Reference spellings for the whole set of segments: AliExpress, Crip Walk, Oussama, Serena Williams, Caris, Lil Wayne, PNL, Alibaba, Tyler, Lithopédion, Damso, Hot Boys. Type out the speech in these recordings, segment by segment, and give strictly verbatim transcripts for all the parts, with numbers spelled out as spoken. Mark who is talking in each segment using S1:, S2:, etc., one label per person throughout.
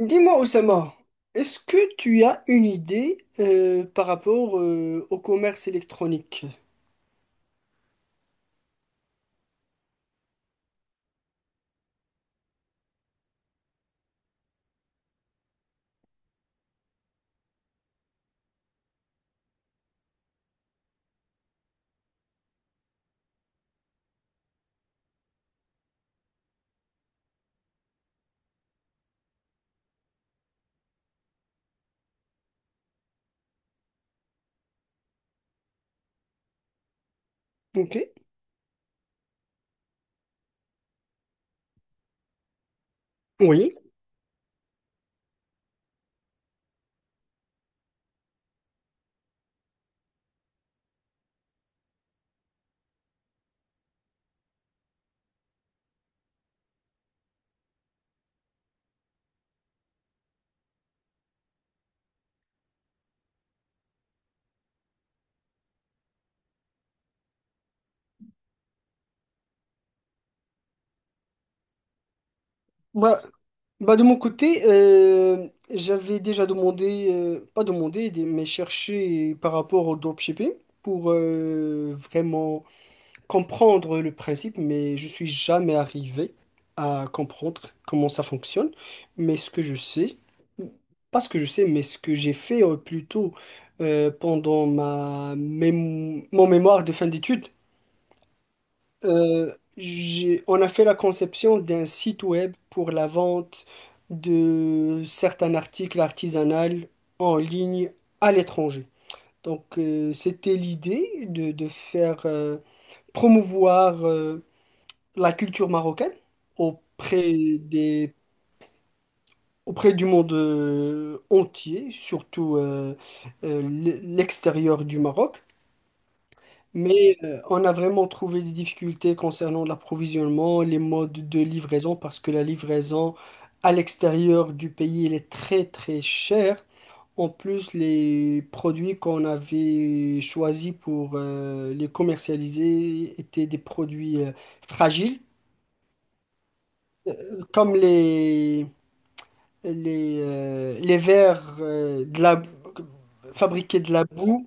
S1: Dis-moi, Oussama, est-ce que tu as une idée euh, par rapport euh, au commerce électronique? Ok. Oui. Bah, bah de mon côté, euh, j'avais déjà demandé, euh, pas demandé, des- mais cherché par rapport au dropshipping pour euh, vraiment comprendre le principe, mais je suis jamais arrivé à comprendre comment ça fonctionne. Mais ce que je sais, pas ce que je sais, mais ce que j'ai fait euh, plutôt euh, pendant ma mém- mon mémoire de fin d'études, euh, j'ai- on a fait la conception d'un site web pour la vente de certains articles artisanaux en ligne à l'étranger. Donc, euh, c'était l'idée de, de faire euh, promouvoir euh, la culture marocaine auprès des, auprès du monde euh, entier, surtout euh, euh, l- l'extérieur du Maroc. Mais euh, on a vraiment trouvé des difficultés concernant l'approvisionnement, les modes de livraison, parce que la livraison à l'extérieur du pays, elle est très très chère. En plus, les produits qu'on avait choisis pour euh, les commercialiser étaient des produits euh, fragiles, euh, comme les, les, euh, les verres euh, de la, fabriqués de la boue.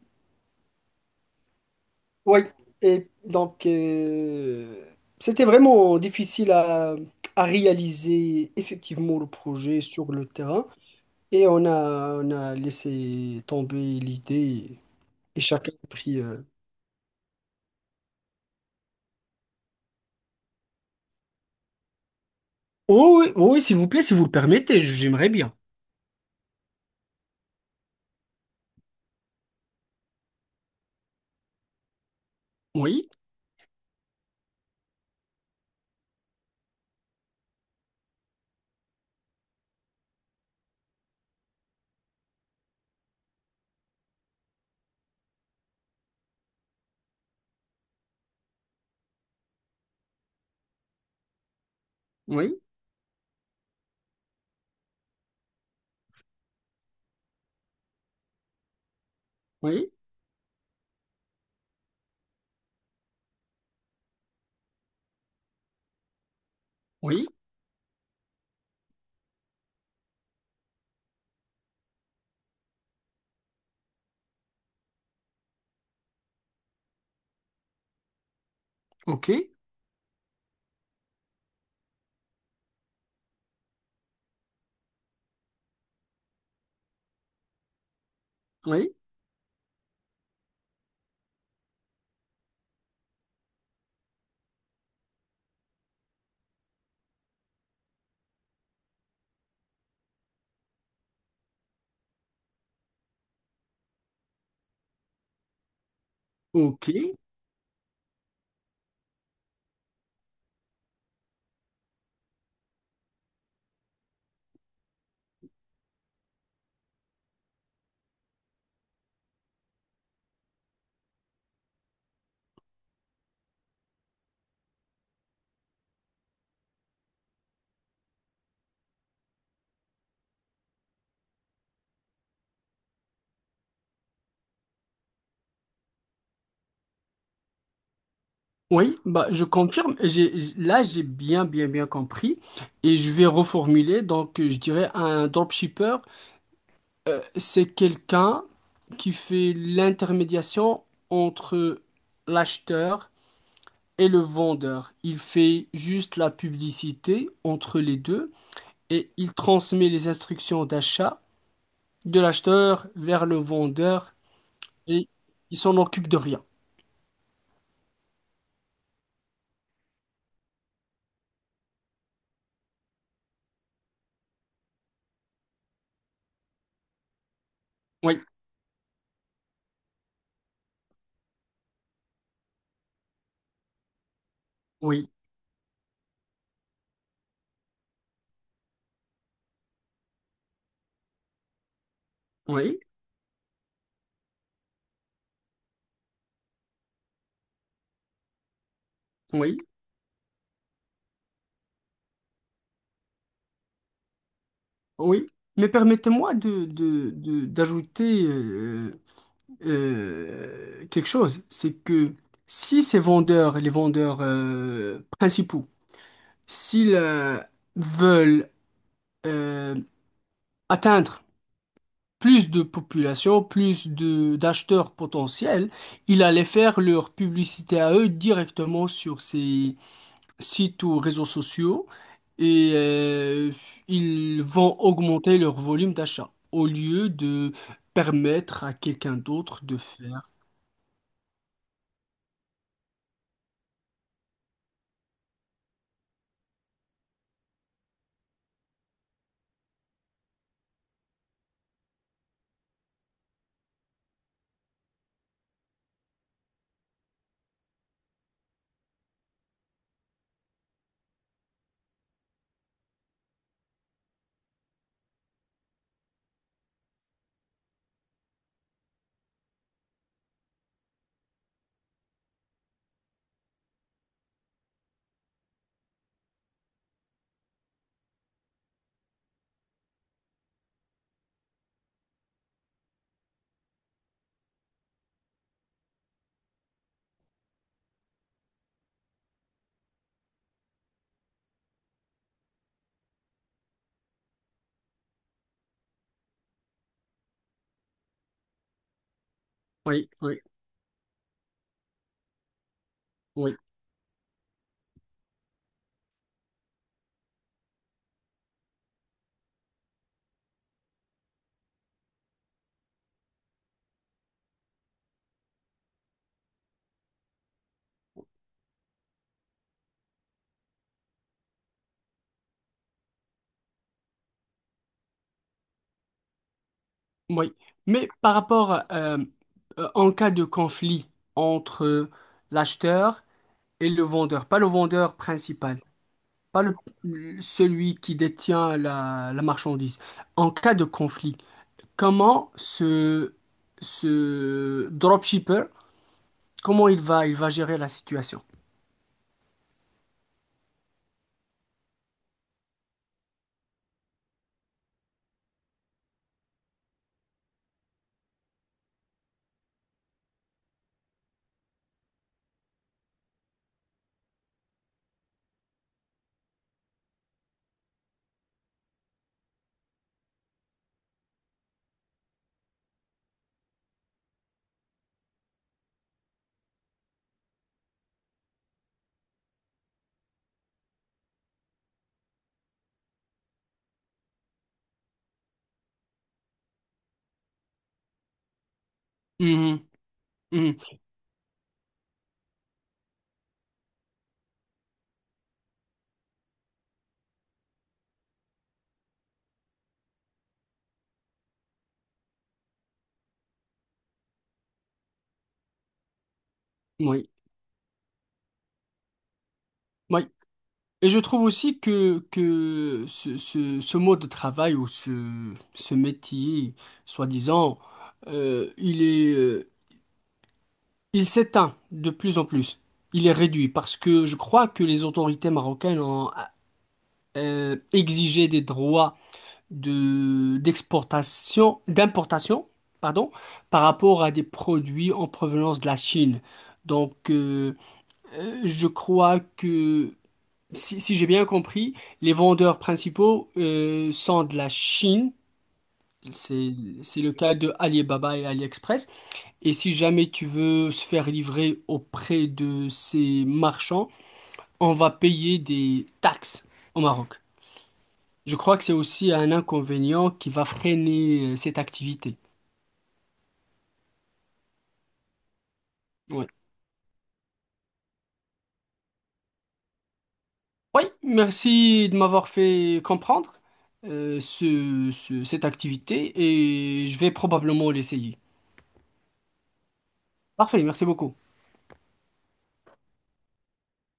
S1: Oui, et donc euh, c'était vraiment difficile à, à réaliser effectivement le projet sur le terrain. Et on a, on a laissé tomber l'idée et chacun a pris. euh, Oh oui, oh oui, s'il vous plaît, si vous le permettez, j'aimerais bien. Oui, oui, oui, oui, ok, oui, ok. Oui, bah, je confirme. J'ai, là, j'ai bien, bien, bien compris. Et je vais reformuler. Donc, je dirais un dropshipper, c'est quelqu'un qui fait l'intermédiation entre l'acheteur et le vendeur. Il fait juste la publicité entre les deux et il transmet les instructions d'achat de l'acheteur vers le vendeur et il s'en occupe de rien. Oui, oui, oui, oui. Oui, mais permettez-moi de, de- de- d'ajouter euh, euh, quelque chose. C'est que si ces vendeurs, les vendeurs euh, principaux, s'ils euh, veulent euh, atteindre plus de population, plus de d'acheteurs potentiels, ils allaient faire leur publicité à eux directement sur ces sites ou réseaux sociaux. Et euh, ils vont augmenter leur volume d'achat au lieu de permettre à quelqu'un d'autre de faire. Oui, oui, oui, oui. Mais par rapport, euh, euh, en cas de conflit entre l'acheteur et le vendeur, pas le vendeur principal, pas le, celui qui détient la, la marchandise, en cas de conflit, comment ce, ce dropshipper, comment il va, il va gérer la situation? Mhm. Oui, oui. Et je trouve aussi que, que ce, ce, ce mode de travail ou ce, ce métier, soi-disant, euh, il est, euh, il s'éteint de plus en plus. Il est réduit parce que je crois que les autorités marocaines ont euh, exigé des droits de, d'exportation, d'importation, pardon, par rapport à des produits en provenance de la Chine. Donc, euh, euh, je crois que si, si j'ai bien compris, les vendeurs principaux euh, sont de la Chine, c'est c'est le cas de Alibaba et AliExpress. Et si jamais tu veux se faire livrer auprès de ces marchands, on va payer des taxes au Maroc. Je crois que c'est aussi un inconvénient qui va freiner euh, cette activité. Ouais. Oui, merci de m'avoir fait comprendre euh, ce- ce- cette activité et je vais probablement l'essayer. Parfait, merci beaucoup.